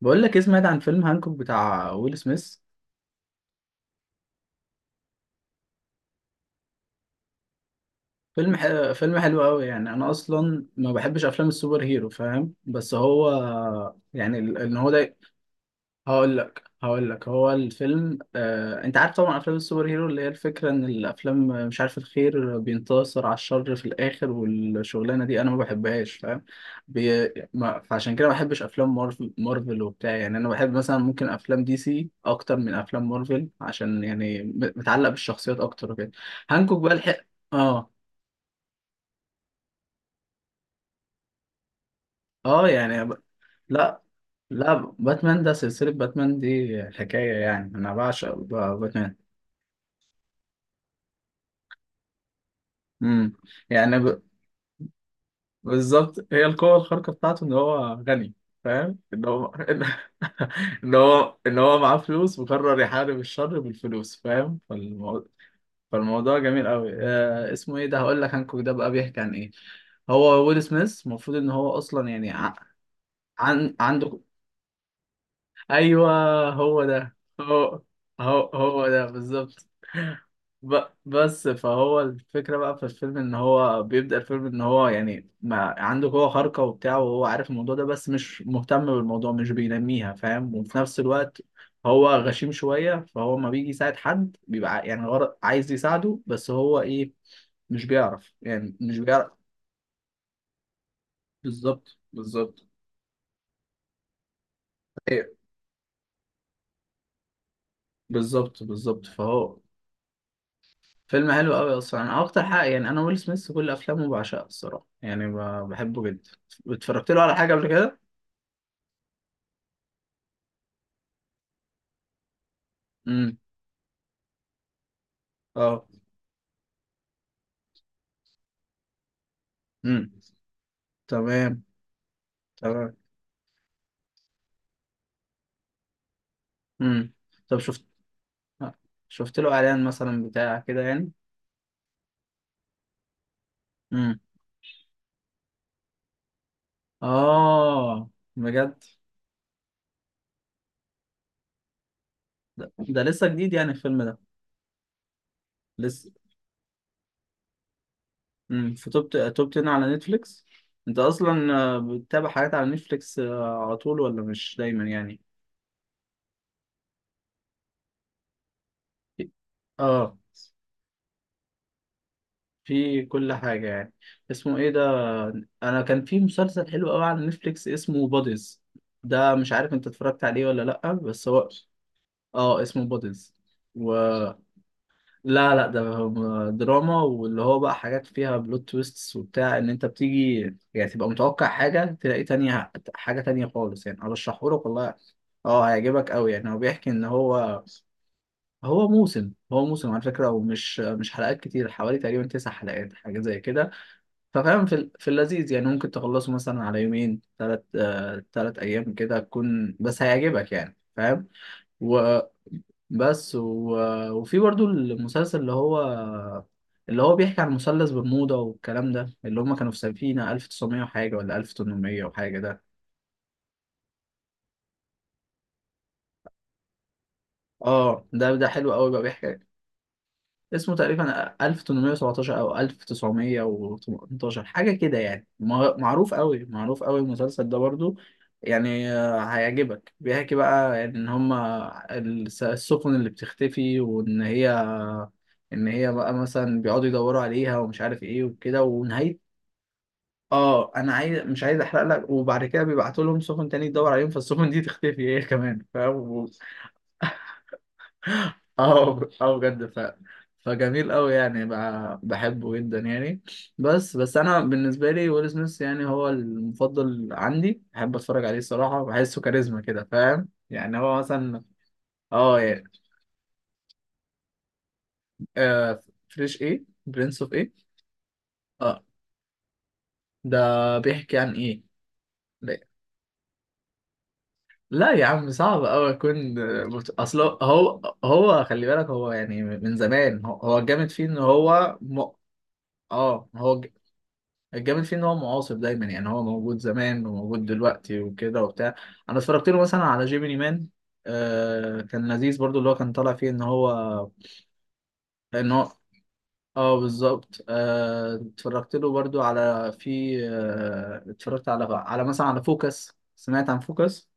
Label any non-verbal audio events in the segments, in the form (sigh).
بقول لك إيه، سمعت عن فيلم هانكوك بتاع ويل سميث. فيلم حلو قوي. يعني انا اصلا ما بحبش افلام السوبر هيرو، فاهم؟ بس هو يعني ال- ان هو ده هقول لك هو الفيلم. انت عارف طبعا افلام السوبر هيرو اللي هي الفكره ان الافلام مش عارف، الخير بينتصر على الشر في الاخر والشغلانه دي انا ما بحبهاش، فاهم؟ بي... ما... فعشان كده ما بحبش افلام مارفل وبتاع. يعني انا بحب مثلا، ممكن افلام دي سي اكتر من افلام مارفل، عشان يعني متعلق بالشخصيات اكتر وكده. هانكوك بقى الحق. اه اه، يعني لا لا، باتمان ده سلسله، باتمان دي حكايه. يعني انا بعشق باتمان. امم يعني ب... بالظبط، هي القوة الخارقة بتاعته إن هو غني، فاهم إن هو (laughs) إن هو معاه فلوس وقرر يحارب الشر بالفلوس، فاهم؟ فالموضوع جميل أوي. آه اسمه إيه ده؟ هقول لك، هانكوك ده بقى بيحكي عن إيه. هو ويل سميث المفروض إن هو أصلا يعني ع- عن عنده. أيوه، هو ده هو هو ده بالظبط. بس فهو الفكرة بقى في الفيلم إن هو بيبدأ الفيلم إن هو يعني ما عنده قوة خارقة وبتاع، وهو عارف الموضوع ده، بس مش مهتم بالموضوع، مش بينميها، فاهم؟ وفي نفس الوقت هو غشيم شوية، فهو ما بيجي يساعد حد. بيبقى يعني عايز يساعده بس هو إيه؟ مش بيعرف، يعني مش بيعرف. بالظبط بالظبط. ايوه بالظبط بالظبط. فهو فيلم حلو قوي. اصلا انا اكتر حاجه، يعني انا ويل سميث كل افلامه بعشقها الصراحه، يعني بحبه جدا. اتفرجت له على حاجه قبل كده؟ اه. امم. تمام تمام. امم طب شفت له اعلان مثلا بتاع كده يعني. امم. اه، بجد؟ ده لسه جديد يعني الفيلم ده؟ لسه. في توب 10 على نتفليكس. انت اصلا بتتابع حاجات على نتفليكس على طول، ولا مش دايما يعني؟ اه، في كل حاجة يعني. اسمه ايه ده؟ انا كان في مسلسل حلو قوي على نتفليكس اسمه بوديز. ده مش عارف انت اتفرجت عليه ولا لأ، بس هو. اه اسمه بوديز. و لا لا، ده هو دراما، واللي هو بقى حاجات فيها بلوت تويستس وبتاع. ان انت بتيجي يعني تبقى متوقع حاجة، تلاقي تانية، حاجة تانية خالص. يعني ارشحه لك والله. اه هيعجبك قوي، يعني هو بيحكي ان هو. هو موسم، هو موسم على فكرة، ومش مش حلقات كتير. حوالي تقريبا 9 حلقات حاجة زي كده. ففاهم، في في اللذيذ، يعني ممكن تخلصه مثلا على يومين، 3 ايام كده، تكون بس هيعجبك، يعني فاهم. و... بس و... وفي برضو المسلسل اللي هو بيحكي عن مثلث برمودا والكلام ده، اللي هم كانوا في سفينة 1900 وحاجة، ولا 1800 وحاجة ده. اه ده ده حلو قوي بقى، بيحكي. اسمه تقريبا 1817 او 1918 حاجة كده يعني. معروف قوي، معروف قوي المسلسل ده برضو. يعني هيعجبك، بيحكي بقى يعني ان هما السفن اللي بتختفي، وان هي. ان هي بقى مثلا بيقعدوا يدوروا عليها ومش عارف ايه وكده ونهايته. اه انا عايز، مش عايز احرق لك، وبعد كده بيبعتوا لهم سفن تاني تدور عليهم، فالسفن دي (laughs) تختفي هي كمان، فاهم؟ اه اه بجد. فجميل قوي، يعني بحبه جدا يعني. بس انا بالنسبه لي ويل سميث يعني هو المفضل عندي، بحب اتفرج عليه الصراحه، بحسه كاريزما كده، فاهم؟ يعني هو مثلا. اه يعني. آه فريش ايه؟ برنس اوف ايه؟ اه ده بيحكي عن ايه؟ لا يا عم، صعب أوي أكون أصل هو، هو خلي بالك، هو يعني من زمان، هو هو الجامد فيه إن هو آه، هو الجامد فيه إن هو معاصر دايما. يعني هو موجود زمان وموجود دلوقتي وكده وبتاع. أنا اتفرجت له مثلا على جيميني مان. آه كان لذيذ برضو، اللي هو كان طالع فيه إن هو، إن هو آه بالظبط. آه اتفرجت له برضو على، في آه اتفرجت على فوكس. سمعت عن فوكس؟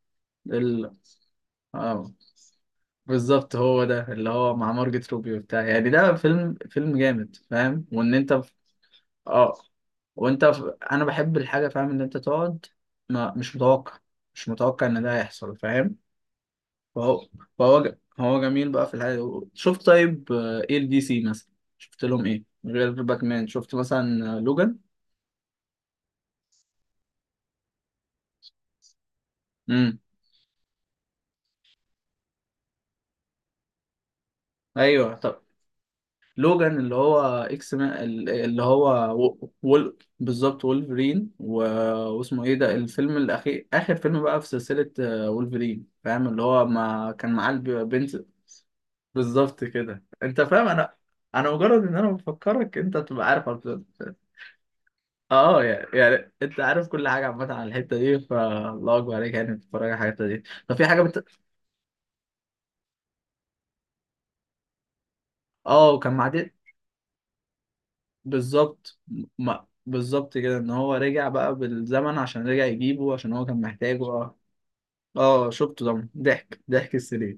ال... آه. بالظبط، هو ده اللي هو مع مارجت روبي وبتاع، يعني ده فيلم، فيلم جامد، فاهم؟ وان انت في... اه وانت في... انا بحب الحاجه، فاهم؟ ان انت تقعد ما مش متوقع، مش متوقع ان ده هيحصل، فاهم؟ فهو. هو جميل بقى في الحاجه دي. شفت طيب؟ ايه الدي سي مثلا؟ شفت لهم ايه غير باكمان؟ شفت مثلا لوجان؟ امم. ايوه طب. لوجان اللي هو اكس ما، اللي هو و- وول بالظبط وولفرين. و. واسمه ايه ده الفيلم الاخير، اخر فيلم بقى في سلسلة وولفرين، فاهم؟ اللي هو ما كان معاه بنت. بالظبط كده انت فاهم. انا مجرد ان انا بفكرك انت تبقى عارف على البلوت. اه يعني, انت عارف كل حاجه عامه عن الحته دي، فالله اكبر عليك، يعني بتتفرج على الحته دي. طب في حاجه اه وكان معاه. بالظبط. م- بالظبط كده ان هو رجع بقى بالزمن، عشان رجع يجيبه عشان هو كان محتاجه. اه. اه شفته طبعا، ضحك ضحك السرير.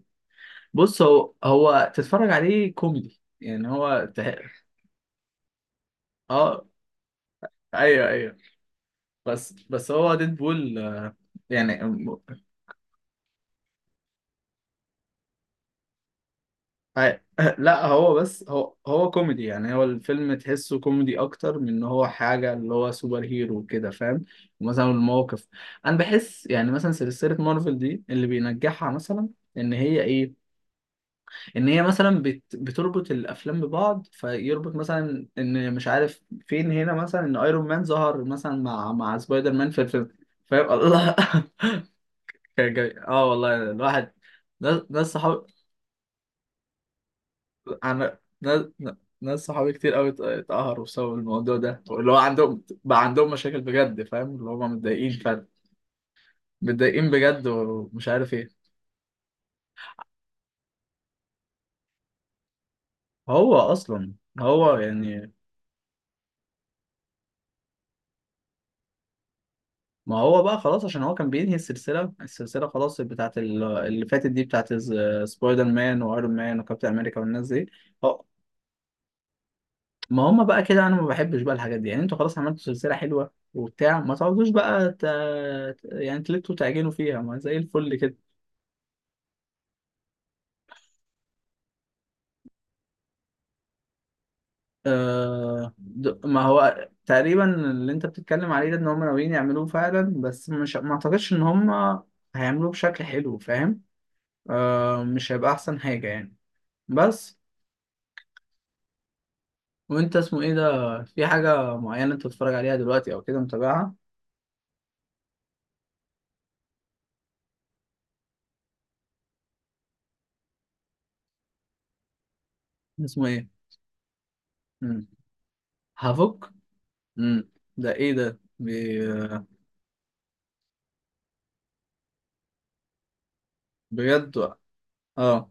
بص هو، هو تتفرج عليه كوميدي، يعني هو اه ايوه ايوه. بس هو ديدبول يعني. أي- (laughs) لا هو، بس هو هو كوميدي، يعني هو الفيلم تحسه كوميدي اكتر من ان هو حاجه اللي هو سوبر هيرو وكده، فاهم؟ مثلا المواقف. انا بحس يعني مثلا سلسله مارفل دي اللي بينجحها مثلا ان هي ايه، ان هي مثلا بتربط الافلام ببعض. فيربط مثلا ان مش عارف فين، هنا مثلا ان ايرون مان ظهر مثلا مع سبايدر مان في الفيلم، فاهم؟ الله. (laughs) كان جميل. اه والله الواحد ده، ده الصحاب. انا ناس، صحابي كتير قوي اتقهروا بسبب الموضوع ده، اللي هو عندهم بقى، عندهم مشاكل بجد، فاهم؟ اللي هم متضايقين فعلا، متضايقين بجد ومش عارف ايه. هو اصلا هو يعني، ما هو بقى خلاص عشان هو كان بينهي السلسله، خلاص بتاعت اللي فاتت دي، بتاعت سبايدر مان وايرون مان وكابتن امريكا والناس دي. هو- ما هم بقى كده. انا ما بحبش بقى الحاجات دي. يعني انتوا خلاص عملتوا سلسله حلوه وبتاع، ما تقعدوش بقى يعني تلتوا تعجنوا فيها، ما زي الفل كده. ما هو تقريبا اللي انت بتتكلم عليه ده، ان هم ناويين يعملوه فعلا، بس مش، ما اعتقدش ان هم هيعملوه بشكل حلو، فاهم؟ مش هيبقى احسن حاجة يعني بس. وانت اسمه ايه ده؟ في حاجة معينة انت بتتفرج عليها دلوقتي او كده متابعها؟ اسمه ايه؟ مم. هافوك. مم. ده ايه ده بجد؟ اه.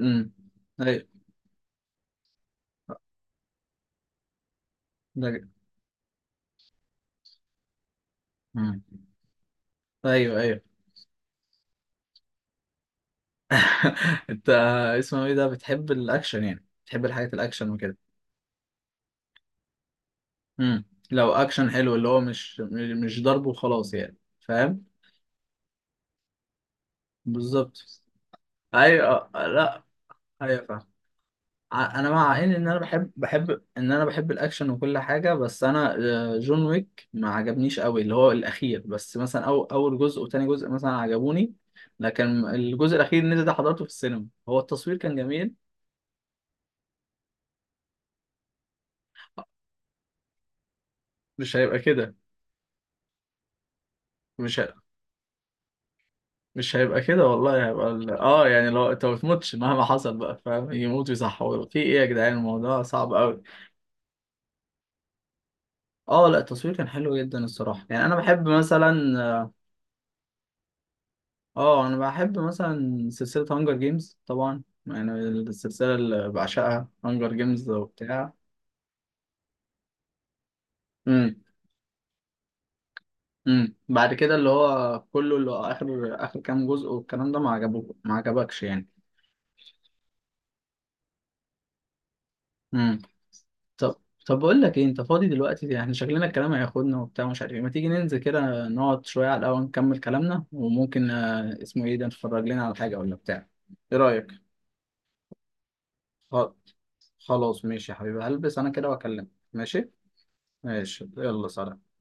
امم ايوه ده. مم. ايوه ايوه. (laughs) انت اسمه ايه ده؟ بتحب الاكشن؟ يعني بتحب الحاجات الاكشن وكده؟ امم. لو اكشن حلو اللي هو مش، مش ضرب وخلاص يعني، فاهم؟ بالظبط، ايوه لا، ايوه فاهم. انا مع ان ان انا بحب ان انا بحب الاكشن وكل حاجه، بس انا جون ويك ما عجبنيش قوي اللي هو الاخير، بس مثلا أو اول جزء وتاني جزء مثلا عجبوني. لكن الجزء الاخير اللي ده حضرته في السينما، هو التصوير كان جميل. مش هيبقى كده مش مش هيبقى كده والله، هيبقى ال... اه يعني لو انت ما بتموتش مهما حصل بقى، فاهم؟ يموت ويصحوا في ايه يا جدعان؟ الموضوع صعب قوي. اه لا، التصوير كان حلو جدا الصراحه. يعني انا بحب مثلا. اه انا بحب مثلا سلسله هانجر جيمز. طبعا يعني السلسله اللي بعشقها هانجر جيمز وبتاع. امم. بعد كده اللي هو كله، اللي هو اخر، اخر كام جزء والكلام ده، ما عجبوك؟ ما عجبكش يعني؟ امم. طب. بقول لك ايه، انت فاضي دلوقتي يعني؟ شكلنا الكلام هياخدنا وبتاع، مش عارف ايه، ما تيجي ننزل كده، نقعد شويه على القهوه، نكمل كلامنا، وممكن اسمه ايه ده، نتفرج لنا على حاجه ولا بتاع. ايه رايك؟ خ- خلاص ماشي يا حبيبي. هلبس انا كده واكلمك. ماشي. ماشي يلا سلام.